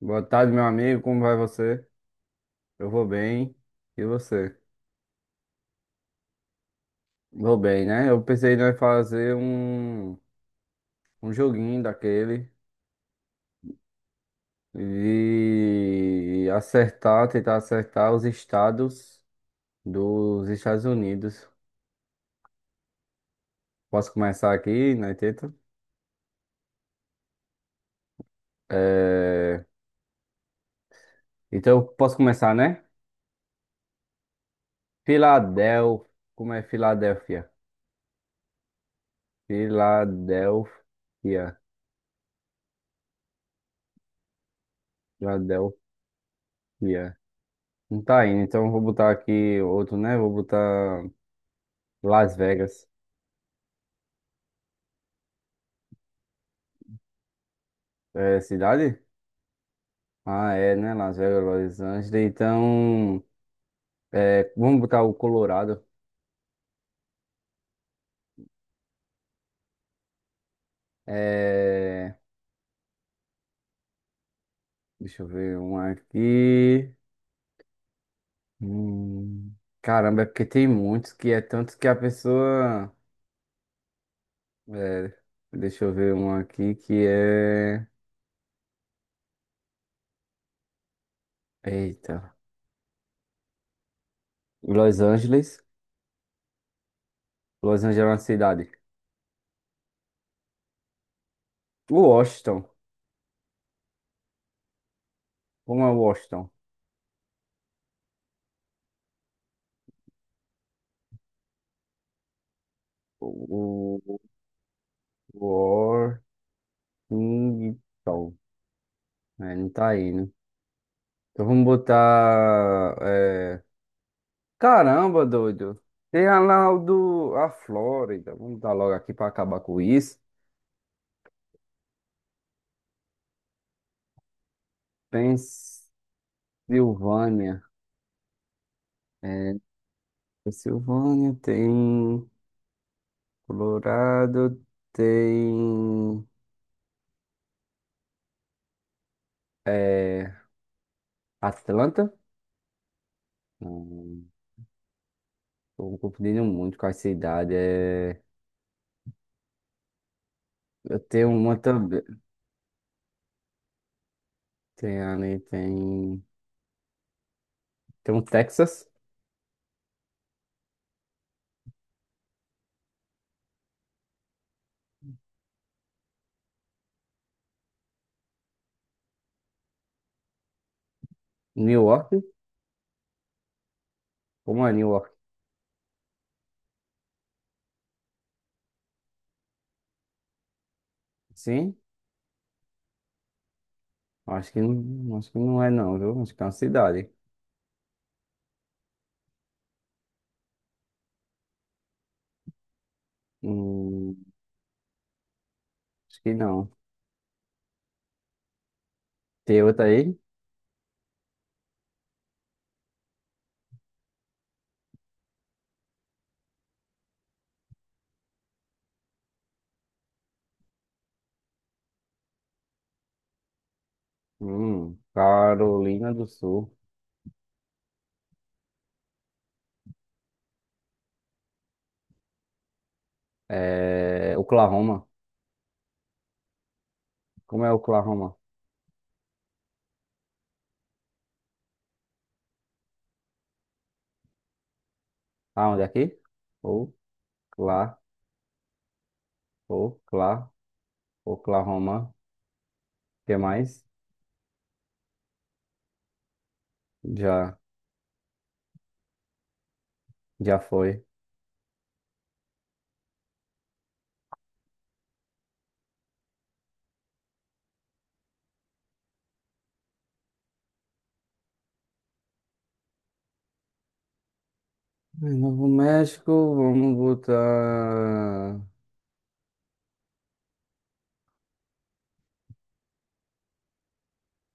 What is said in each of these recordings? Boa tarde, meu amigo. Como vai você? Eu vou bem. E você? Vou bem, né? Eu pensei em fazer um joguinho daquele e acertar, tentar acertar os estados dos Estados Unidos. Posso começar aqui, né? Tenta. É, então, eu posso começar, né? Filadélfia. Como é Filadélfia? Filadélfia. Filadélfia. Não tá indo, então eu vou botar aqui outro, né? Vou botar. Las Vegas. É cidade? Ah, é, né? Las Vegas, Los Angeles. Então, é, vamos botar o Colorado. É, deixa eu ver um aqui. Hum, Caramba, é porque tem muitos que é tanto que a pessoa. É, deixa eu ver um aqui que é. Eita. Los Angeles. Los Angeles é uma cidade. Washington. Como é Washington? O, o, o- Washington. É, não tá aí, né? Então vamos botar. Caramba, doido. Tem a lá o do... a Flórida. Vamos dar logo aqui para acabar com isso. Pensilvânia. É, Pensilvânia tem. Colorado tem. É, Atlanta. Hum, Tô confundindo muito com a cidade. É... Eu tenho uma também. Tem ali, tem. Tem um Texas. New York. Como é New York? Sim. Acho que não é não, viu? Acho que é uma cidade. Hum, acho que não. Tem outra aí? Carolina do Sul. É, Oklahoma. Como é Oklahoma? Ah, onde é aqui? Ocla, Ocla, Oklahoma. O que mais? Já, já foi. Ai, Novo México, vamos botar.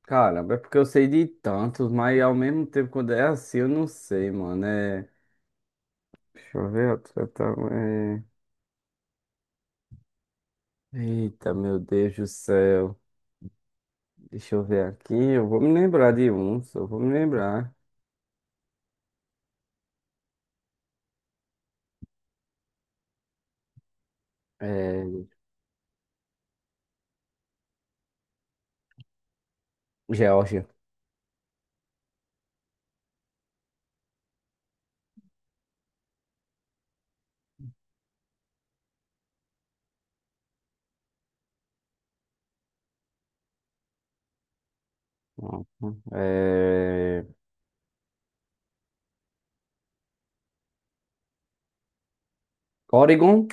Caramba, é porque eu sei de tantos, mas ao mesmo tempo, quando é assim, eu não sei, mano. É... Deixa eu ver, outra, tá, Eita, meu Deus do céu. Deixa eu ver aqui. Eu vou me lembrar de um, só vou me lembrar. É, Geórgia. Não. É, Oregon,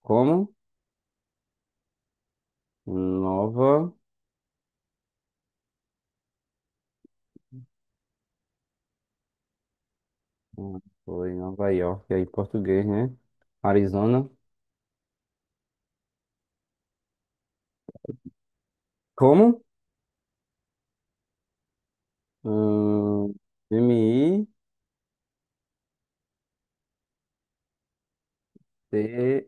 como? Nova. Não, foi Nova York, aí em português, né? Arizona. Como? Hum, M-I-T-G-A-N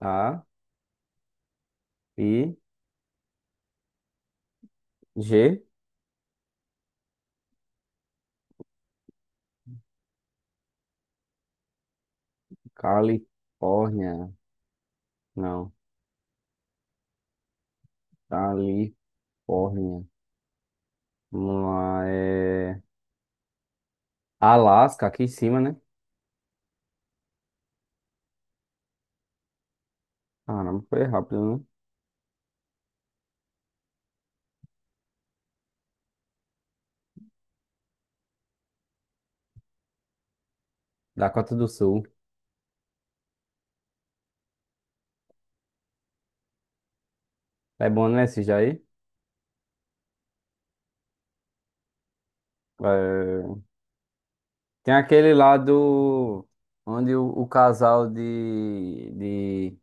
C-H-A-I-G. Califórnia. Não. Califórnia. Vamos lá, é... Alasca, aqui em cima, né? Caramba, foi rápido, né? Dakota do Sul. É bom, né, esse Jair? É... Tem aquele lá do... Onde o casal de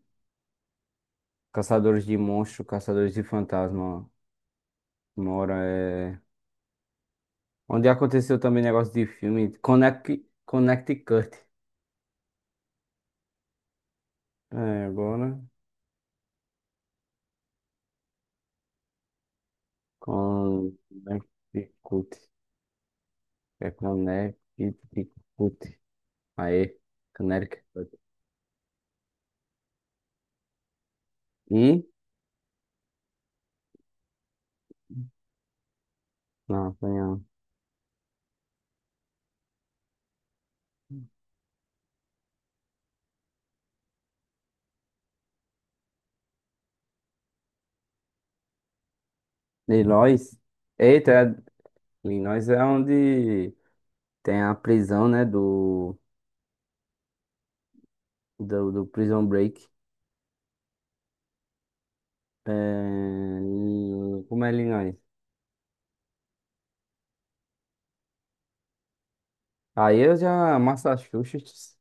caçadores de monstros, caçadores de fantasma mora. É... Onde aconteceu também negócio de filme. Connecticut. É, agora... Connecticut. É Connecticut. Aí, Connecticut. E... Não, tem a... Illinois. Eita, Illinois é onde tem a prisão, né? Do Prison Break. É... Como é Illinois? Aí eu já. Massachusetts.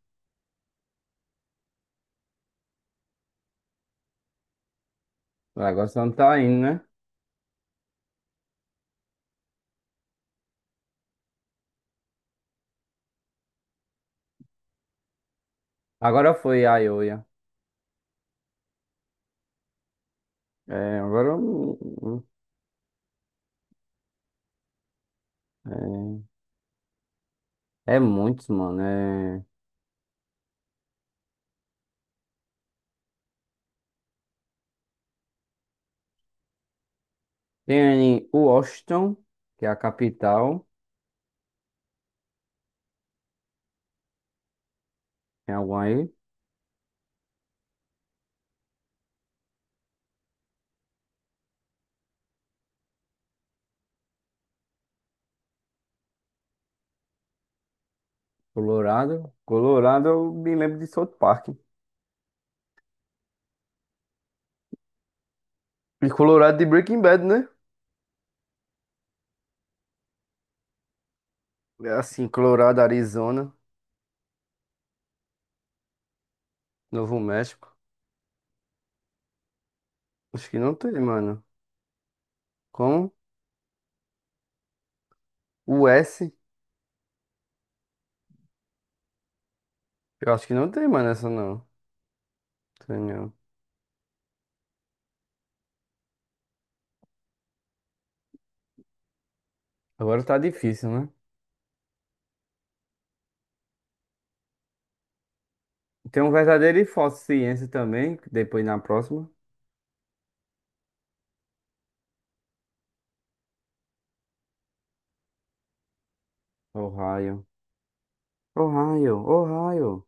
Agora você não tá indo, né? Agora foi a Iowa. É, agora. É muitos, mano. É... Tem Washington, que é a capital. Tem algum aí? Colorado. Colorado, eu me lembro de South Park. E Colorado de Breaking Bad, né? É, assim, Colorado, Arizona, Novo México. Acho que não tem, mano. Com o S, eu acho que não tem, mano, essa não. Tem não. Agora tá difícil, né? Tem um verdadeiro e falso ciência também, que depois na próxima. Ohio. Ohio, Ohio.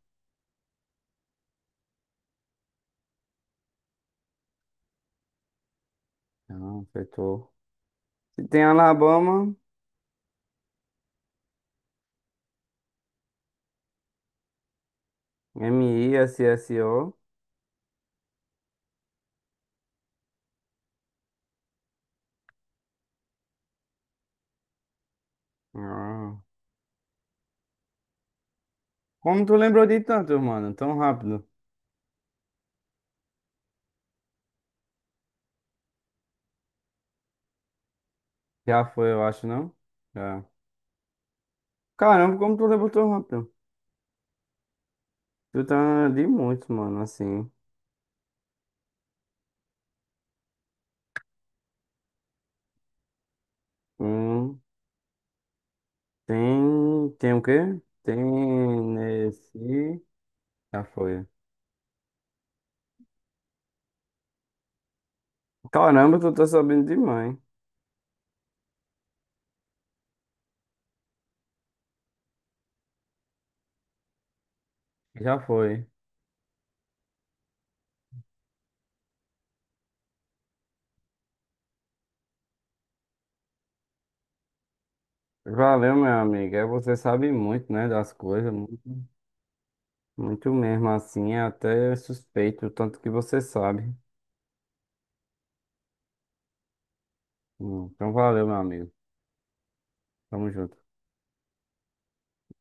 Não, acertou. E tem Alabama, M-I-S-S-O. Ah. Como tu lembrou de tanto, mano? Tão rápido. Já foi, eu acho, não? Já. Caramba, como tu lembrou tão rápido? Eu tá de muitos, mano, assim. Um, tem. Tem o quê? Tem nesse. Já foi. Caramba, tu tá sabendo demais. Já foi. Valeu, meu amigo. É, você sabe muito, né, das coisas. Muito, muito mesmo, assim. É até suspeito o tanto que você sabe. Então, valeu, meu amigo. Tamo junto.